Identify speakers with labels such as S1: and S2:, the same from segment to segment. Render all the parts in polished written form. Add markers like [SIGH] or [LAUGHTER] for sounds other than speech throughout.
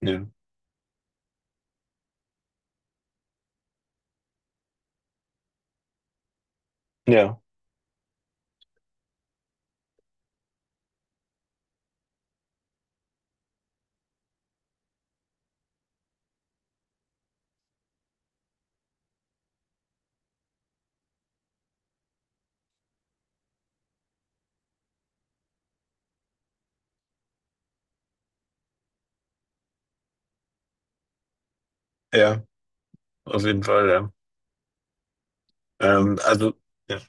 S1: Ja, ja, ja, auf jeden Fall, ja. Also, ja.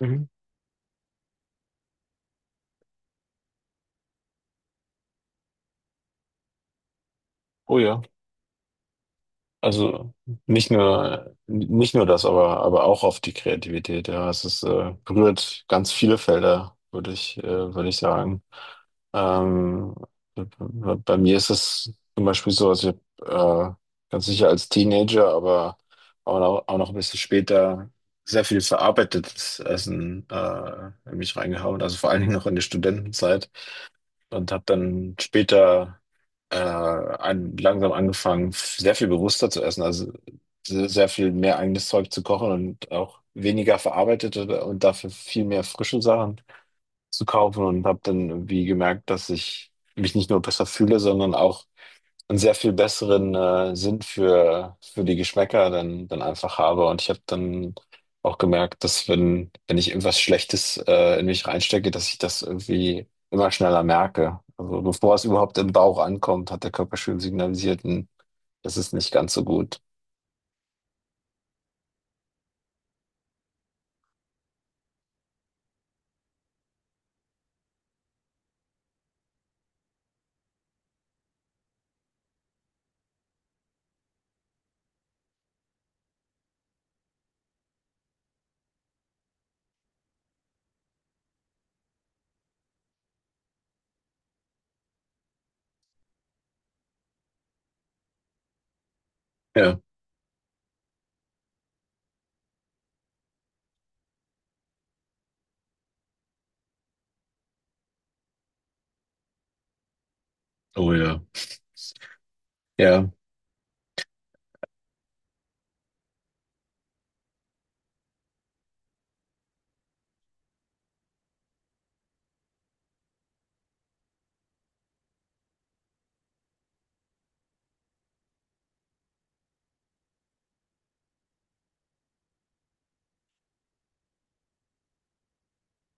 S1: Mhm. Oh ja, also nicht nur das, aber auch auf die Kreativität, ja. Es berührt ganz viele Felder, würde ich sagen. Ähm, bei mir ist es zum Beispiel so, also ich hab, ganz sicher als Teenager, aber auch noch ein bisschen später sehr viel verarbeitetes Essen in mich reingehauen, also vor allen Dingen noch in der Studentenzeit. Und habe dann später langsam angefangen, sehr viel bewusster zu essen, also sehr viel mehr eigenes Zeug zu kochen und auch weniger verarbeitete und dafür viel mehr frische Sachen zu kaufen und habe dann irgendwie gemerkt, dass ich mich nicht nur besser fühle, sondern auch einen sehr viel besseren Sinn für die Geschmäcker dann einfach habe. Und ich habe dann auch gemerkt, dass wenn ich irgendwas Schlechtes in mich reinstecke, dass ich das irgendwie immer schneller merke. Also bevor es überhaupt im Bauch ankommt, hat der Körper schon signalisiert: "Hm, das ist nicht ganz so gut." Ja, oh ja. Ja,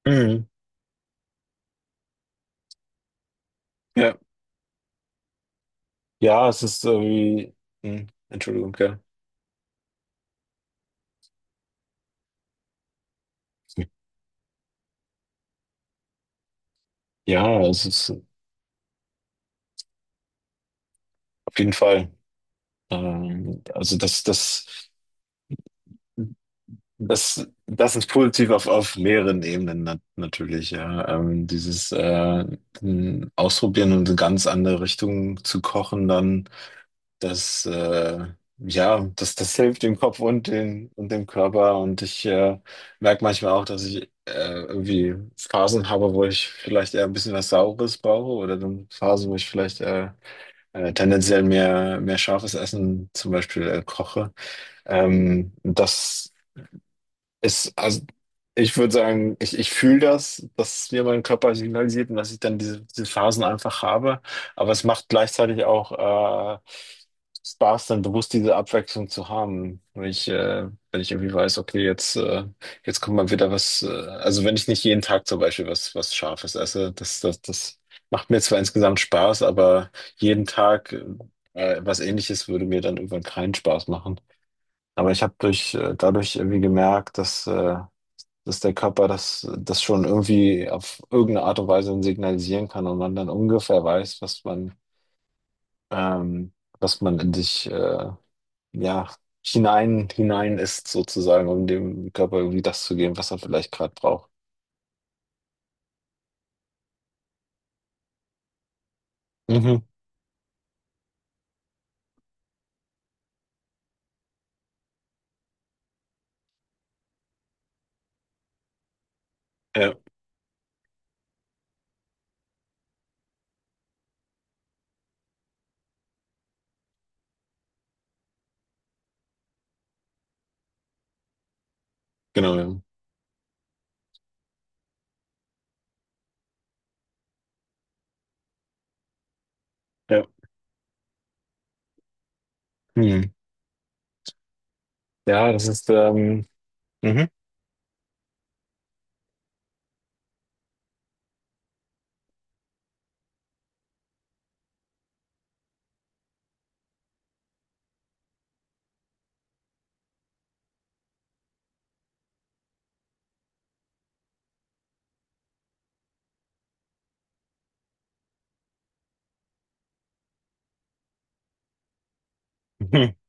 S1: mhm. Ja, ja, es ist irgendwie, hm, Entschuldigung, ja. Ja, es ist auf jeden Fall. Also das, das. Das ist positiv auf mehreren Ebenen natürlich, ja. Dieses Ausprobieren und in ganz andere Richtungen zu kochen, dann das, ja, das hilft dem Kopf und dem Körper. Und ich merke manchmal auch, dass ich irgendwie Phasen habe, wo ich vielleicht eher ein bisschen was Saures brauche oder dann Phasen, wo ich vielleicht tendenziell mehr scharfes Essen zum Beispiel koche. Ähm, das also ich würde sagen, ich fühle das, dass mir mein Körper signalisiert und dass ich dann diese Phasen einfach habe. Aber es macht gleichzeitig auch Spaß, dann bewusst diese Abwechslung zu haben. Wenn ich irgendwie weiß, okay, jetzt kommt mal wieder was, also wenn ich nicht jeden Tag zum Beispiel was Scharfes esse, das macht mir zwar insgesamt Spaß, aber jeden Tag was Ähnliches würde mir dann irgendwann keinen Spaß machen. Aber ich habe durch dadurch irgendwie gemerkt, dass der Körper das schon irgendwie auf irgendeine Art und Weise signalisieren kann und man dann ungefähr weiß, ähm, was man in sich ja, hinein ist, sozusagen, um dem Körper irgendwie das zu geben, was er vielleicht gerade braucht. Mhm. Ja, genau, ja. Ja, mhm. Ja, das ist mhm. [LAUGHS]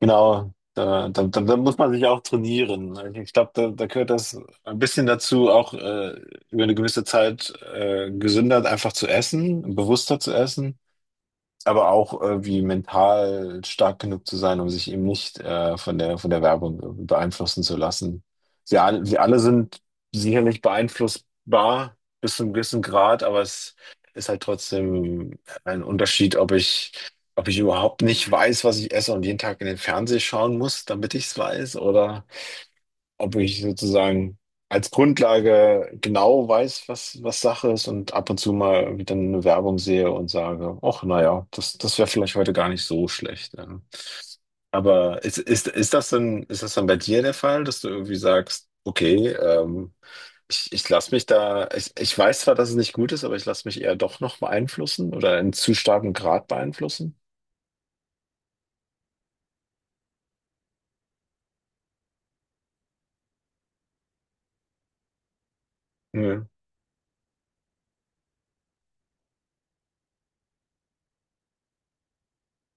S1: Genau, da muss man sich auch trainieren. Ich glaube, da gehört das ein bisschen dazu, auch über eine gewisse Zeit gesünder einfach zu essen, bewusster zu essen, aber auch irgendwie mental stark genug zu sein, um sich eben nicht von der Werbung beeinflussen zu lassen. Sie alle sind sicherlich beeinflussbar bis zu einem gewissen Grad, aber es ist halt trotzdem ein Unterschied, ob ich, überhaupt nicht weiß, was ich esse und jeden Tag in den Fernseher schauen muss, damit ich es weiß, oder ob ich sozusagen als Grundlage genau weiß, was Sache ist und ab und zu mal wieder eine Werbung sehe und sage, ach, naja, das wäre vielleicht heute gar nicht so schlecht. Ja. Aber ist das denn, ist das dann bei dir der Fall, dass du irgendwie sagst, okay, ich lasse mich da, ich weiß zwar, dass es nicht gut ist, aber ich lasse mich eher doch noch beeinflussen oder in zu starkem Grad beeinflussen? Ja.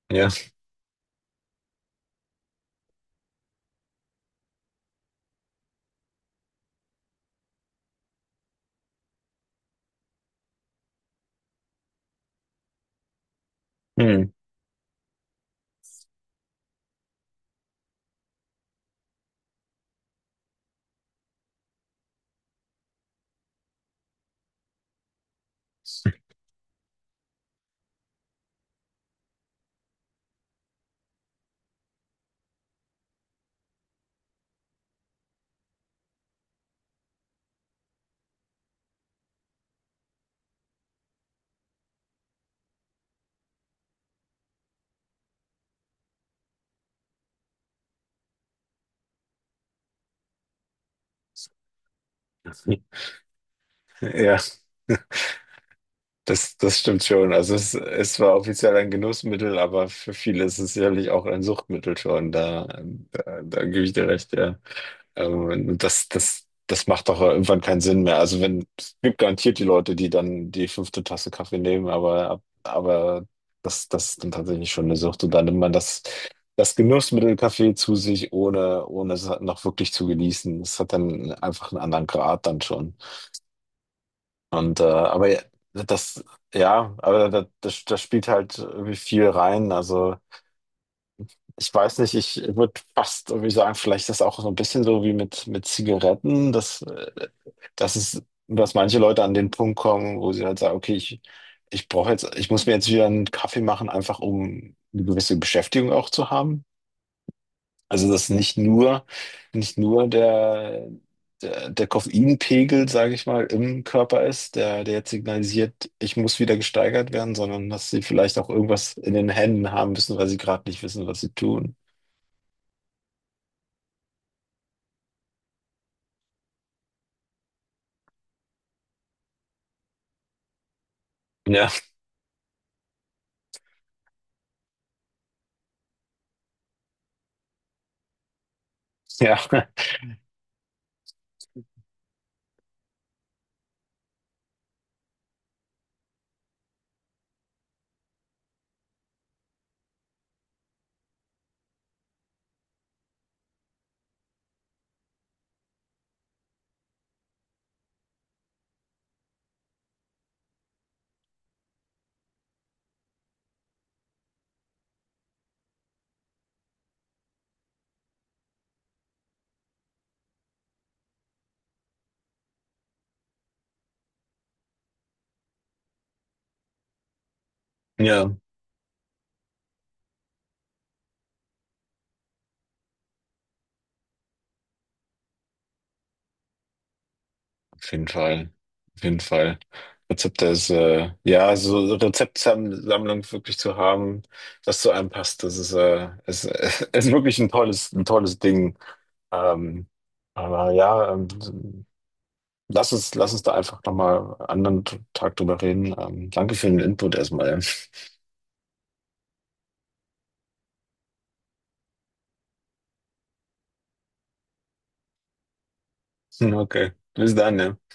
S1: Ja. Hm. Ja. Das stimmt schon. Also es war offiziell ein Genussmittel, aber für viele ist es sicherlich auch ein Suchtmittel schon. Da gebe ich dir recht, ja. Und das macht doch irgendwann keinen Sinn mehr. Also wenn, es gibt garantiert die Leute, die dann die fünfte Tasse Kaffee nehmen, aber das ist dann tatsächlich schon eine Sucht. Und dann nimmt man das, das Genussmittel Kaffee zu sich, ohne es noch wirklich zu genießen. Es hat dann einfach einen anderen Grad dann schon. Aber ja, das, ja, aber da, das spielt halt irgendwie viel rein. Also ich weiß nicht, ich würde fast irgendwie sagen, vielleicht ist das auch so ein bisschen so wie mit Zigaretten, dass manche Leute an den Punkt kommen, wo sie halt sagen, okay, ich brauche jetzt, ich muss mir jetzt wieder einen Kaffee machen, einfach um eine gewisse Beschäftigung auch zu haben. Also dass nicht nur der Koffeinpegel, sage ich mal, im Körper ist, der jetzt signalisiert, ich muss wieder gesteigert werden, sondern dass sie vielleicht auch irgendwas in den Händen haben müssen, weil sie gerade nicht wissen, was sie tun. Ja, [LAUGHS] ja, ja. Auf jeden Fall. Auf jeden Fall. Ja, so Rezeptsammlung wirklich zu haben, das zu einem passt, das ist, [LAUGHS] ist wirklich ein tolles Ding. Ähm, aber ja, lass uns da einfach nochmal einen anderen Tag drüber reden. Danke für den Input erstmal. [LAUGHS] Okay, bis dann, ja.